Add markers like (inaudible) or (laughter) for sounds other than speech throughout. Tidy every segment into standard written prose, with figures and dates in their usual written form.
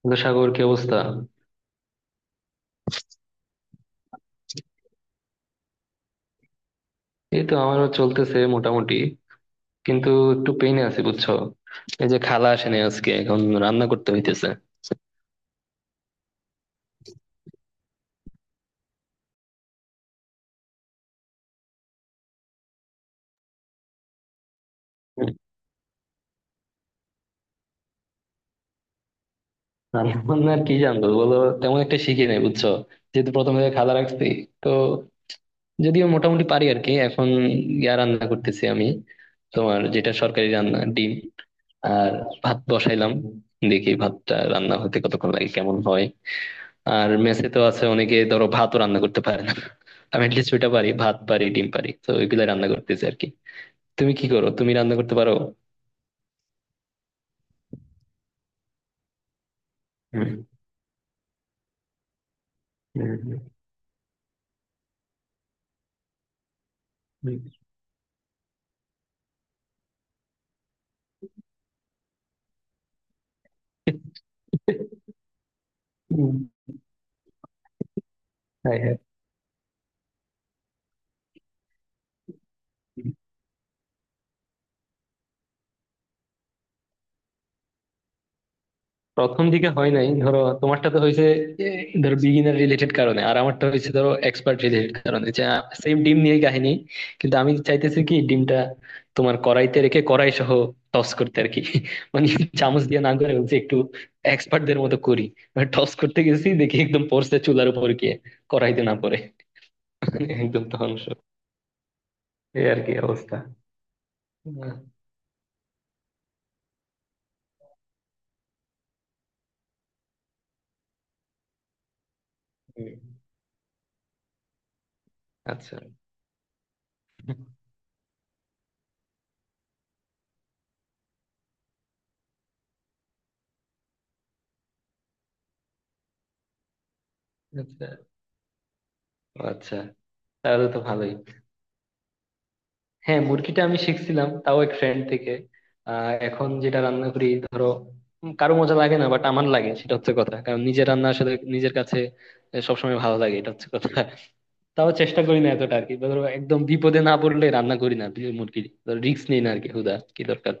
কিন্তু সাগর কি অবস্থা? এই তো আমারও চলতেছে মোটামুটি। কিন্তু একটু পেইনে আছি বুঝছো। এই যে খালা আসেনি আজকে, এখন রান্না করতে হইতেছে। রান্না বান্না আর কি জানবো বলো, তেমন একটা শিখি নাই বুঝছো। যেহেতু প্রথম থেকে খালা রাখছি, তো যদিও মোটামুটি পারি আর কি। এখন রান্না করতেছি আমি। তোমার যেটা সরকারি রান্না, ডিম আর ভাত বসাইলাম। দেখি ভাতটা রান্না হতে কতক্ষণ লাগে, কেমন হয়। আর মেসে তো আছে অনেকে, ধরো ভাতও রান্না করতে পারে না। আমি অ্যাটলিস্ট ওইটা পারি, ভাত পারি, ডিম পারি, তো ওইগুলা রান্না করতেছি আর কি। তুমি কি করো, তুমি রান্না করতে পারো? হুম, হুম, হুম, হুম। হ্যাঁ হ্যাঁ। প্রথম দিকে হয় নাই ধরো, তোমারটা তো হয়েছে এ, ধরো বিগিনার রিলেটেড কারণে, আর আমারটা হয়েছে ধরো এক্সপার্ট রিলেটেড কারণে। যে সেম ডিম নিয়ে কাহিনী, কিন্তু আমি চাইতেছি কি ডিমটা তোমার কড়াইতে রেখে কড়াই সহ টস করতে আর কি। মানে চামচ দিয়ে না করে হচ্ছে একটু এক্সপার্ট দের মতো করি। মানে টস করতে গেছি দেখি একদম পড়ছে চুলার উপর গিয়ে, কড়াইতে না পড়ে। (laughs) একদম ধ্বংস। এই আর কি অবস্থা। আহ, হুম, আচ্ছা আচ্ছা। ও আচ্ছা। তাহলে তো ভালোই। হ্যাঁ, মুরগিটা আমি শিখছিলাম তাও এক ফ্রেন্ড থেকে। এখন যেটা রান্না করি ধরো, কারো মজা লাগে না বাট আমার লাগে, সেটা হচ্ছে কথা। কারণ নিজের রান্না আসলে নিজের কাছে সবসময় ভালো লাগে, এটা হচ্ছে কথা। তাও চেষ্টা করি না এতটা আর কি, ধরো একদম বিপদে না পড়লে রান্না করি না মুরগি। ধরো রিস্ক নেই না আর কি, হুদা কি দরকার,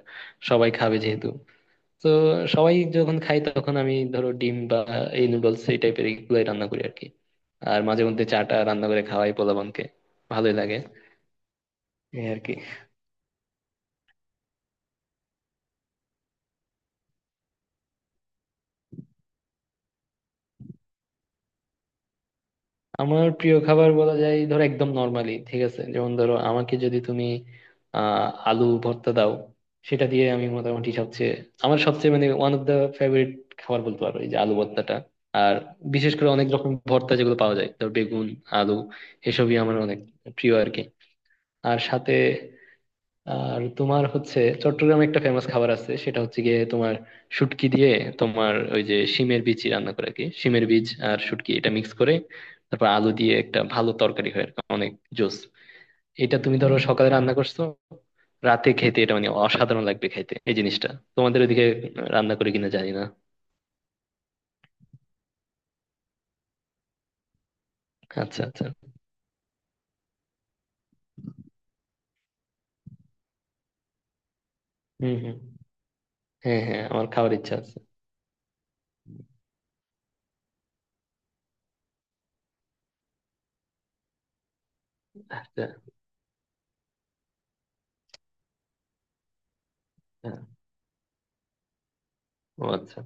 সবাই খাবে যেহেতু। তো সবাই যখন খাই তখন আমি ধরো ডিম বা এই নুডলস, এই টাইপের এগুলোই রান্না করি আর কি। আর মাঝে মধ্যে চাটা রান্না করে খাওয়াই পোলাপানকে, ভালোই লাগে। এই আর কি। আমার প্রিয় খাবার বলা যায় ধরো একদম নর্মালি ঠিক আছে। যেমন ধরো আমাকে যদি তুমি আলু ভর্তা দাও, সেটা দিয়ে আমি মোটামুটি আমার সবচেয়ে মানে ওয়ান অফ দা ফেভারিট খাবার বলতে পারো, এই যে আলু ভর্তাটা। আর বিশেষ করে অনেক রকম ভর্তা যেগুলো পাওয়া যায়, ধর বেগুন, আলু, এসবই আমার অনেক প্রিয় আর কি। আর সাথে আর তোমার হচ্ছে চট্টগ্রামে একটা ফেমাস খাবার আছে, সেটা হচ্ছে গিয়ে তোমার শুটকি দিয়ে তোমার ওই যে শিমের বিচি রান্না করে আর কি, শিমের বীজ আর শুটকি এটা মিক্স করে, তারপর আলু দিয়ে একটা ভালো তরকারি হয় আর কি, অনেক জোস। এটা তুমি ধরো সকালে রান্না করছো, রাতে খেতে এটা মানে অসাধারণ লাগবে খাইতে এই জিনিসটা। তোমাদের ওদিকে রান্না করে কিনা জানি না। আচ্ছা আচ্ছা। হম হম। হ্যাঁ হ্যাঁ, আমার খাওয়ার ইচ্ছা আছে। আচ্ছা। হ্যাঁ। ও আচ্ছা।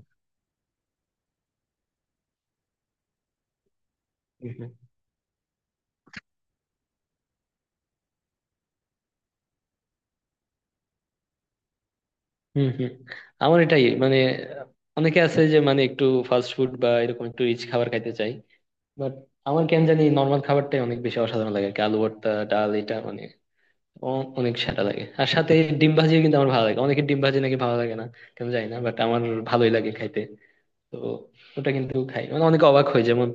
হম হম। আমার এটাই মানে, অনেকে আছে যে মানে একটু ফাস্ট ফুড বা এরকম একটু রিচ খাবার খাইতে চাই, বাট আমার কেন জানি নর্মাল খাবারটাই অনেক বেশি অসাধারণ লাগে আর কি। আলু ভর্তা, ডাল, এটা মানে অনেক সেটা লাগে। আর সাথে ডিম ভাজিও কিন্তু আমার ভালো লাগে। অনেকের ডিম ভাজি নাকি ভালো লাগে না, কেন জানি না, বাট আমার ভালোই লাগে খাইতে। তো ওটা কিন্তু খাই, মানে অনেকে অবাক হয়। যেমন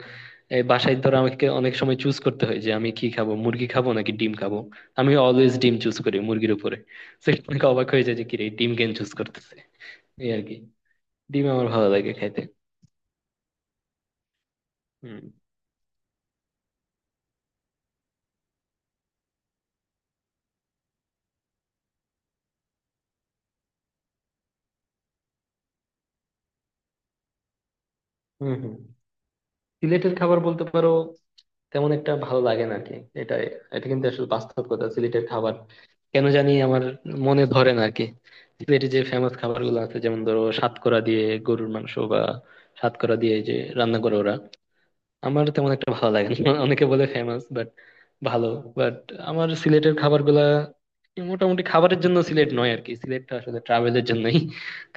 এই বাসায় ধরো আমাকে অনেক সময় চুজ করতে হয় যে আমি কি খাবো, মুরগি খাবো নাকি ডিম খাবো। আমি অলওয়েজ ডিম চুজ করি মুরগির উপরে। তো অনেকে অবাক হয়ে যায় যে কি রে, ডিম কেন চুজ করতেছে। এই আর কি, ডিম আমার ভালো লাগে খাইতে। হুম হুম হুম। সিলেটের খাবার বলতে পারো তেমন একটা ভালো লাগে না আর কি। এটা এটা কিন্তু আসলে বাস্তব কথা, সিলেটের খাবার কেন জানি আমার মনে ধরে না আর কি। সিলেটের যে ফেমাস খাবার গুলো আছে, যেমন ধরো সাতকরা দিয়ে গরুর মাংস বা সাতকরা দিয়ে যে রান্না করে ওরা, আমার তেমন একটা ভালো লাগে না। অনেকে বলে ফেমাস, বাট ভালো, বাট আমার সিলেটের খাবারগুলা মোটামুটি, খাবারের জন্য সিলেট নয় আর কি, সিলেটটা আসলে ট্রাভেলের জন্যই।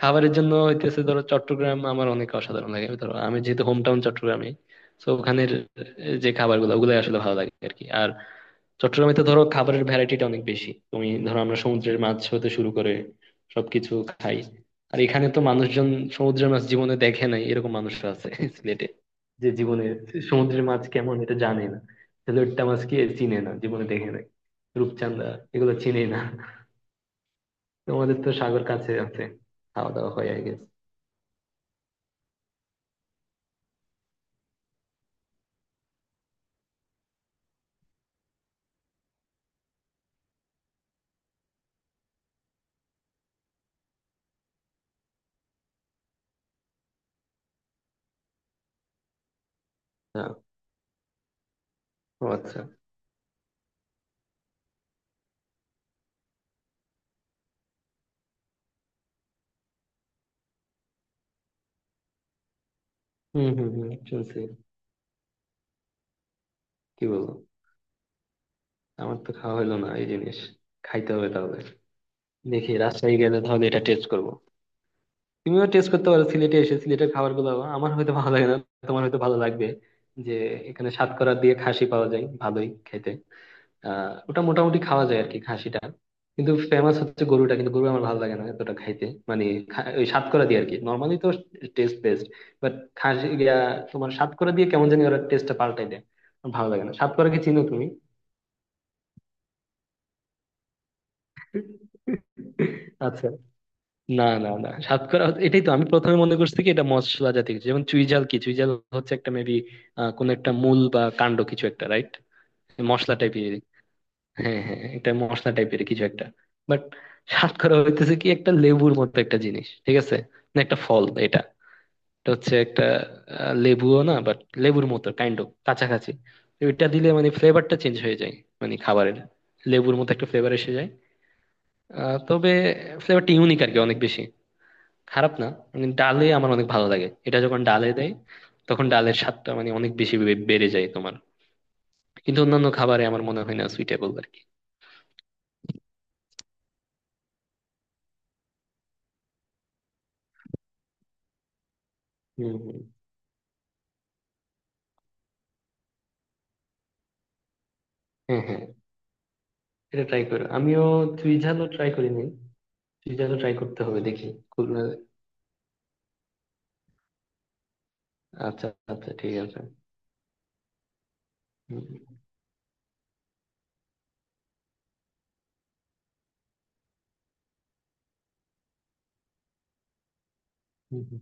খাবারের জন্য হইতেছে ধরো চট্টগ্রাম আমার অনেক অসাধারণ লাগে, ধরো আমি যেহেতু হোম টাউন চট্টগ্রামে। তো ওখানের যে খাবারগুলো ওগুলাই আসলে ভালো লাগে আর কি। আর চট্টগ্রামে তো ধরো খাবারের ভ্যারাইটিটা অনেক বেশি, তুমি ধরো আমরা সমুদ্রের মাছ হতে শুরু করে সবকিছু খাই। আর এখানে তো মানুষজন সমুদ্রের মাছ জীবনে দেখে নাই এরকম মানুষরা আছে সিলেটে, যে জীবনে সমুদ্রের মাছ কেমন এটা জানে না। লোট্টা মাছ কি চিনে না, জীবনে দেখে নাই। রূপচাঁদা, এগুলো চিনে না। তোমাদের তো সাগর কাছে আছে, খাওয়া দাওয়া হয় আই গেস। হ্যাঁ। ও আচ্ছা। হম হম হম, শুনছি। কি বলবো, আমার তো খাওয়া হলো না এই জিনিস। খাইতে হবে তাহলে। দেখি রাজশাহী গেলে তাহলে এটা টেস্ট করবো। তুমিও টেস্ট করতে পারো সিলেটে এসে সিলেটের খাবার গুলো আমার হয়তো ভালো লাগে না, তোমার হয়তো ভালো লাগবে। যে এখানে সাতকরা দিয়ে খাসি পাওয়া যায়, ভালোই খেতে। ওটা মোটামুটি খাওয়া যায় আর কি, খাসিটা। কিন্তু ফেমাস হচ্ছে গরুটা, কিন্তু গরু আমার ভালো লাগে না এতটা খাইতে। মানে ওই সাতকরা দিয়ে আর কি নর্মালি তো টেস্ট বেস্ট, বাট খাসি তোমার সাতকরা দিয়ে কেমন জানি ওরা টেস্টটা পাল্টাই দেয়, আমার ভালো লাগে না। সাতকরা কি চিনো তুমি? আচ্ছা, না না না, সাতকরা হচ্ছে- এটাই তো আমি প্রথমে মনে করছি কি এটা মশলা জাতীয় কিছু, যেমন চুইঝাল। কি চুইঝাল হচ্ছে একটা মেবি কোন একটা মূল বা কাণ্ড কিছু একটা, রাইট? মশলা টাইপের। হ্যাঁ হ্যাঁ, এটা মশলা টাইপের কিছু একটা, বাট সাতকরা হইতেছে কি একটা লেবুর মতো একটা জিনিস, ঠিক আছে? না, একটা ফল এটা। এটা হচ্ছে একটা, লেবুও না বাট লেবুর মতো কাইন্ড অফ কাছাকাছি। তো এটা দিলে মানে ফ্লেভারটা চেঞ্জ হয়ে যায়, মানে খাবারের লেবুর মতো একটা ফ্লেভার এসে যায়। তবে ফ্লেভারটা ইউনিক আর কি, অনেক বেশি খারাপ না। মানে ডালে আমার অনেক ভালো লাগে এটা, যখন ডালে দেয় তখন ডালের স্বাদটা মানে অনেক বেশি বেড়ে যায় তোমার। কিন্তু অন্যান্য খাবারে আমার মনে হয় না সুইটেবল আর কি। হম হম। হ্যাঁ হ্যাঁ, এটা ট্রাই করো। আমিও তুই ঝালও ট্রাই করিনি, তুই ঝালও ট্রাই করতে হবে দেখি। খুলনা, আচ্ছা। আচ্ছা ঠিক আছে। হুম, হুম, হুম।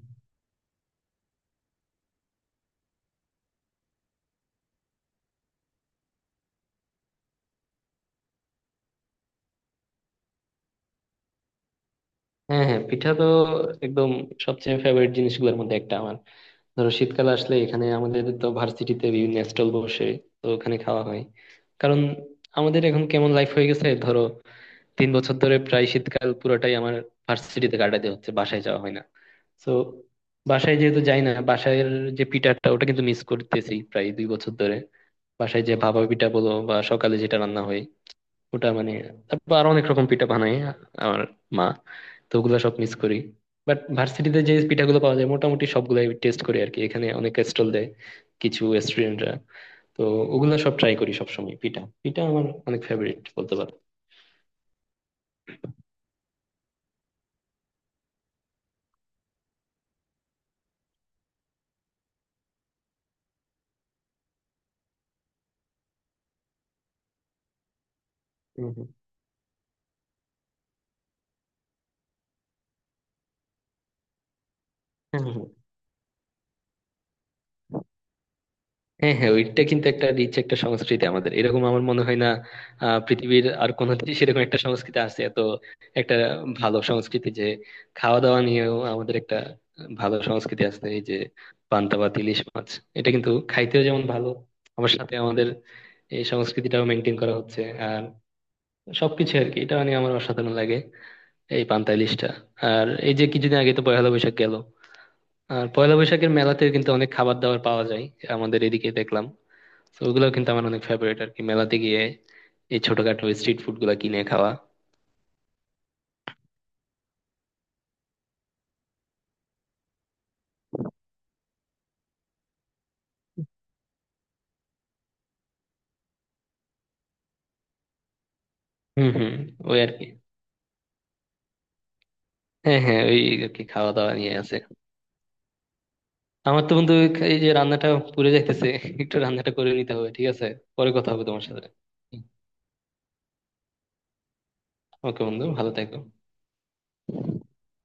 হ্যাঁ হ্যাঁ, পিঠা তো একদম সবচেয়ে ফেভারিট জিনিসগুলোর মধ্যে একটা আমার। ধরো শীতকাল আসলে এখানে আমাদের তো ভার্সিটিতে বিভিন্ন স্টল বসে, তো ওখানে খাওয়া হয়। কারণ আমাদের এখন কেমন লাইফ হয়ে গেছে, ধরো 3 বছর ধরে প্রায় শীতকাল পুরোটাই আমার ভার্সিটিতে কাটাতে হচ্ছে, বাসায় যাওয়া হয় না। তো বাসায় যেহেতু যাই না, বাসায়ের যে পিঠাটা ওটা কিন্তু মিস করতেছি প্রায় 2 বছর ধরে। বাসায় যে ভাপা পিঠা বলো বা সকালে যেটা রান্না হয় ওটা মানে, তারপর আরো অনেক রকম পিঠা বানায় আমার মা, তো ওগুলো সব মিস করি। বাট ভার্সিটিতে যে পিঠাগুলো পাওয়া যায় মোটামুটি সবগুলাই টেস্ট করি আর কি, এখানে অনেক স্টল দেয় কিছু স্টুডেন্টরা। তো ওগুলো সব ট্রাই করি সবসময়। পিঠা পিঠা আমার অনেক ফেভারিট বলতে পারো। হম হম। হম হম। হ্যাঁ হ্যাঁ, ওইটা কিন্তু একটা রিচ একটা সংস্কৃতি আমাদের, এরকম আমার মনে হয় না পৃথিবীর আর কোনো দেশে এরকম একটা সংস্কৃতি আছে, এত একটা ভালো সংস্কৃতি। যে খাওয়া দাওয়া নিয়েও আমাদের একটা ভালো সংস্কৃতি আছে, এই যে পান্তা ভাত ইলিশ মাছ, এটা কিন্তু খাইতেও যেমন ভালো আমার সাথে আমাদের এই সংস্কৃতিটাও মেনটেন করা হচ্ছে আর সবকিছু আর কি। এটা নিয়ে আমার অসাধারণ লাগে এই পান্তা ইলিশটা। আর এই যে কিছুদিন আগে তো পয়লা বৈশাখ গেল। আর পয়লা বৈশাখের মেলাতে কিন্তু অনেক খাবার দাবার পাওয়া যায় আমাদের এদিকে, দেখলাম। তো ওগুলো কিন্তু আমার অনেক ফেভারিট আর কি, মেলাতে গিয়ে এই ছোটখাটো স্ট্রিট ফুড গুলা কিনে খাওয়া। হুম হুম। ওই আর কি। হ্যাঁ হ্যাঁ, ওই আর কি খাওয়া দাওয়া নিয়ে আছে। আমার তো বন্ধু এই যে রান্নাটা পুড়ে যাইতেছে, একটু রান্নাটা করে নিতে হবে, ঠিক আছে? পরে কথা হবে তোমার সাথে। ওকে বন্ধু, ভালো থেকো।